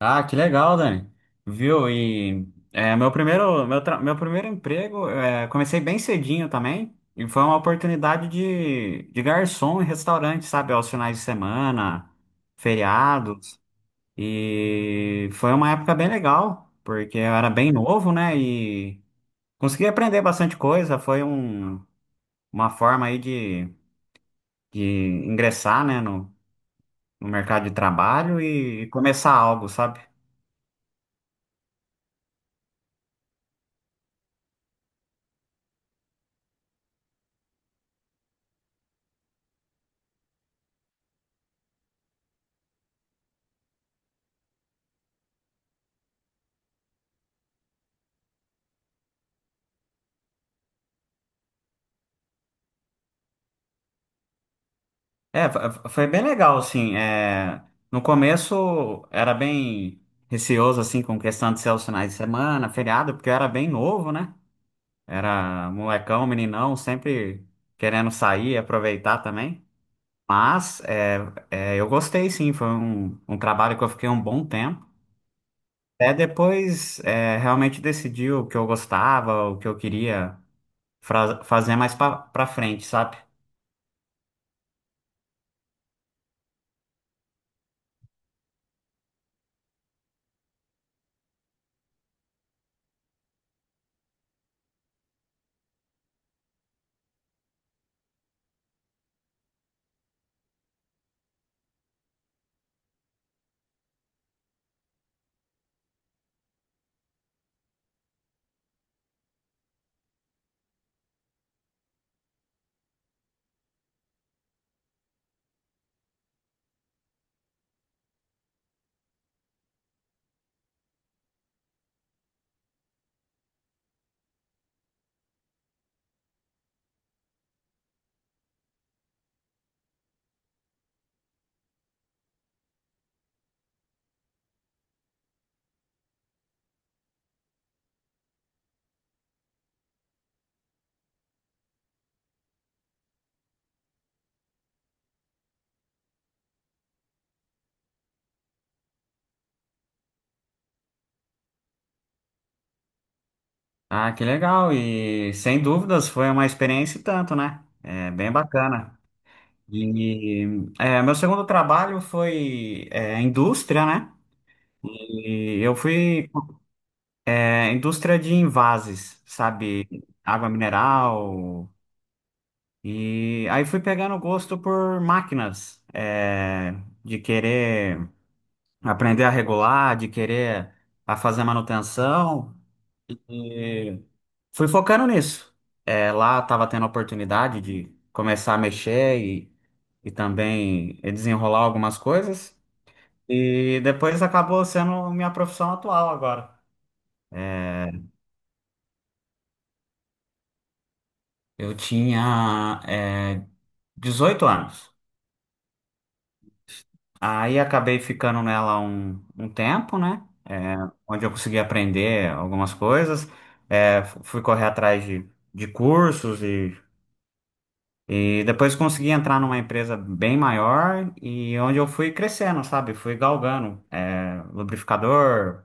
Ah, que legal, Dani. Viu? Meu primeiro, meu primeiro emprego, comecei bem cedinho também, e foi uma oportunidade de garçom em restaurante, sabe? Aos finais de semana, feriados. E foi uma época bem legal, porque eu era bem novo, né? E consegui aprender bastante coisa. Uma forma aí de ingressar, né, no mercado de trabalho e começar algo, sabe? Foi bem legal, assim. No começo era bem receoso, assim, com questão de ser os finais de semana, feriado, porque eu era bem novo, né? Era molecão, meninão, sempre querendo sair e aproveitar também. Mas eu gostei, sim. Um trabalho que eu fiquei um bom tempo. Até depois realmente decidi o que eu gostava, o que eu queria fazer mais pra frente, sabe? Ah, que legal! E sem dúvidas foi uma experiência e tanto, né? É bem bacana. E Meu segundo trabalho foi indústria, né? E eu fui Indústria de envases, sabe? Água mineral. E aí fui pegando gosto por máquinas, de querer aprender a regular, de querer a fazer manutenção. Fui focando nisso. É, lá estava tendo a oportunidade de começar a mexer e também desenrolar algumas coisas. E depois acabou sendo minha profissão atual agora. É, Eu tinha, 18 anos. Aí acabei ficando nela um tempo, né? É, onde eu consegui aprender algumas coisas. Fui correr atrás de cursos e depois consegui entrar numa empresa bem maior e onde eu fui crescendo, sabe? Fui galgando, é, lubrificador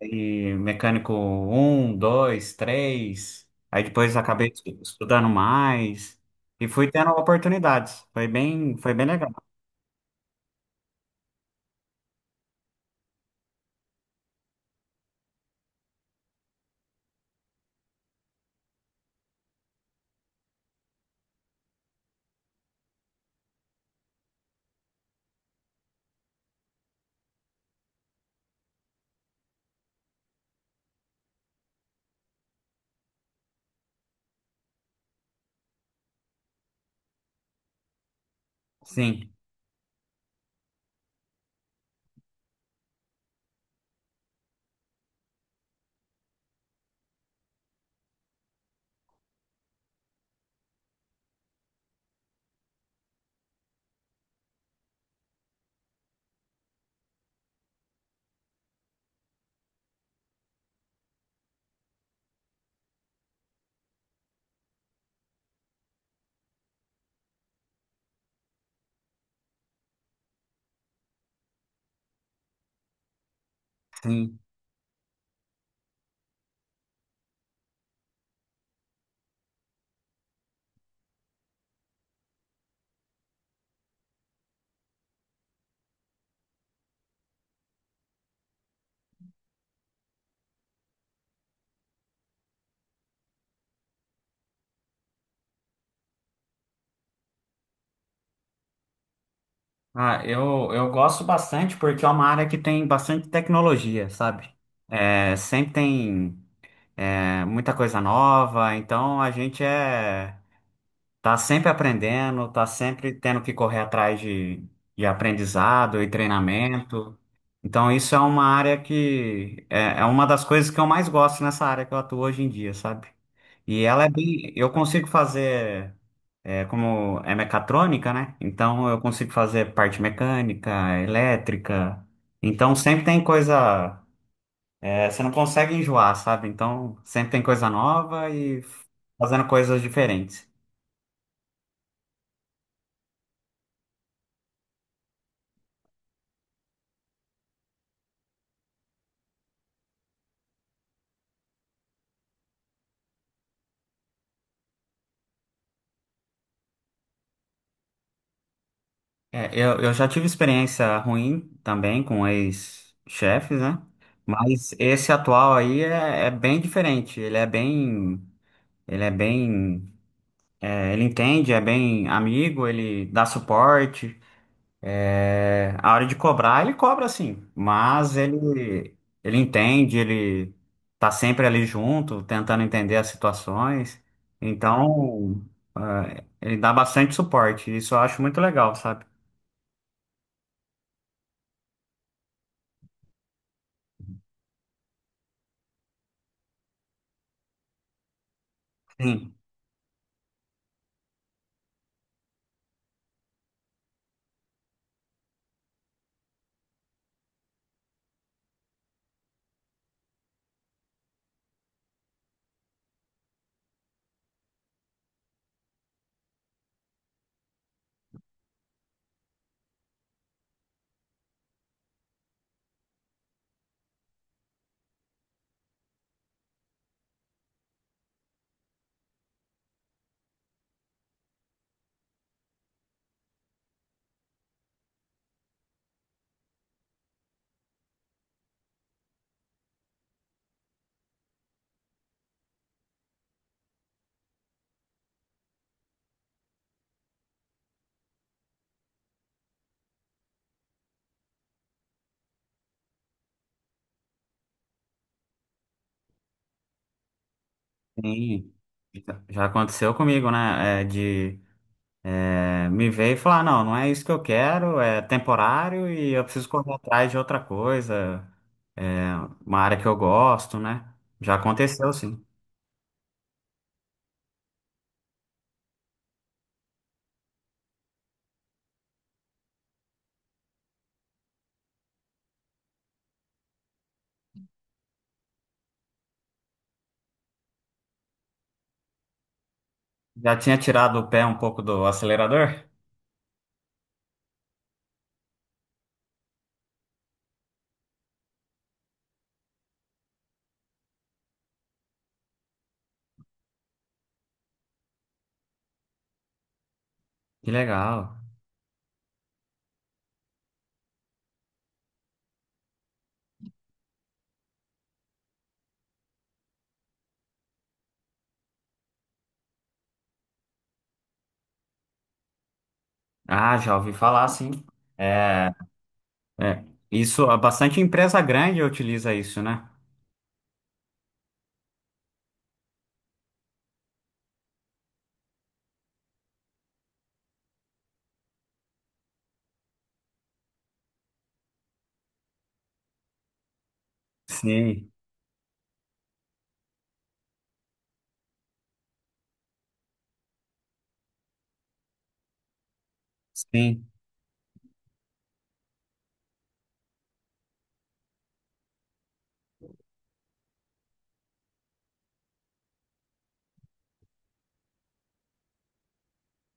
e mecânico um, dois, três. Aí depois estudando mais e fui tendo oportunidades. Foi bem legal. Sim, sim. Ah, eu gosto bastante porque é uma área que tem bastante tecnologia, sabe? Sempre tem muita coisa nova, então a gente é tá sempre aprendendo, tá sempre tendo que correr atrás de aprendizado e treinamento. Então, isso é uma área que é uma das coisas que eu mais gosto nessa área que eu atuo hoje em dia, sabe? E ela é bem. Eu consigo fazer, é, como é mecatrônica, né? Então, eu consigo fazer parte mecânica, elétrica. Então, sempre tem coisa. Você não consegue enjoar, sabe? Então, sempre tem coisa nova e fazendo coisas diferentes. É, eu já tive experiência ruim também com ex-chefes, né? Mas esse atual aí é bem diferente. Ele é bem, Ele entende, é bem amigo, ele dá suporte. É, a hora de cobrar, ele cobra sim, ele entende, ele tá sempre ali junto, tentando entender as situações. Então, é, ele dá bastante suporte. Isso eu acho muito legal, sabe? Sim. Sim, já aconteceu comigo, né? Me ver e falar, não, não é isso que eu quero, é temporário e eu preciso correr atrás de outra coisa, uma área que eu gosto, né? Já aconteceu, sim. Já tinha tirado o pé um pouco do acelerador? Que legal. Ah, já ouvi falar, sim. É, é, isso, ah, bastante empresa grande utiliza isso, né? Sim, sim.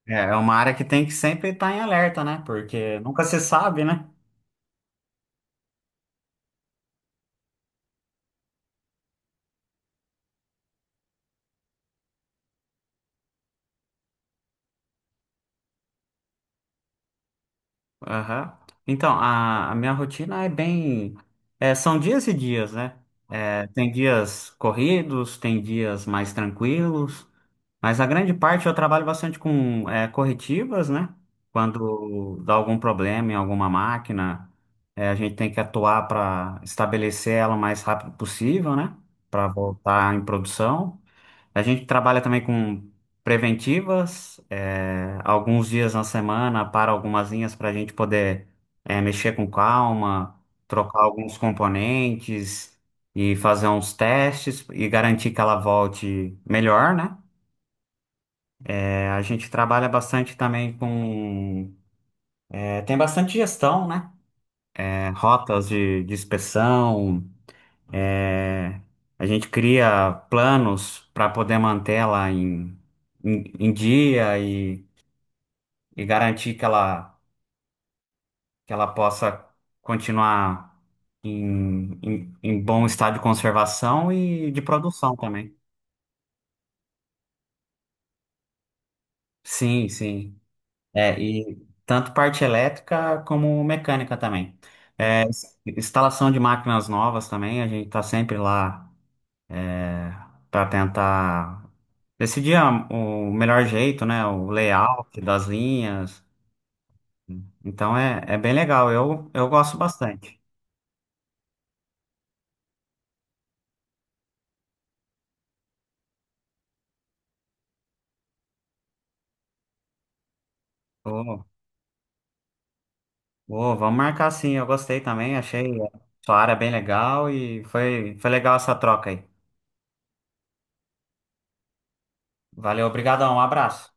É, é uma área que tem que sempre estar em alerta, né? Porque nunca se sabe, né? Aham. Então, a minha rotina é bem. É, são dias e dias, né? É, tem dias corridos, tem dias mais tranquilos, mas a grande parte eu trabalho bastante com é, corretivas, né? Quando dá algum problema em alguma máquina, é, a gente tem que atuar para estabelecer ela o mais rápido possível, né? Para voltar em produção. A gente trabalha também com preventivas, é, alguns dias na semana para algumas linhas para a gente poder mexer com calma, trocar alguns componentes e fazer uns testes e garantir que ela volte melhor, né? É, a gente trabalha bastante também com. É, tem bastante gestão, né? É, rotas de inspeção, é, a gente cria planos para poder manter ela em, em em dia e. E garantir que ela possa continuar em, em, em bom estado de conservação e de produção também. Sim, sim. É, e tanto parte elétrica como mecânica também. É, instalação de máquinas novas também, a gente está sempre lá para tentar decidir a- o melhor jeito, né? O layout das linhas. Então é, é bem legal, eu gosto bastante. Pô, vamos marcar sim, eu gostei também, achei sua área bem legal e foi legal essa troca aí. Valeu, obrigadão, um abraço.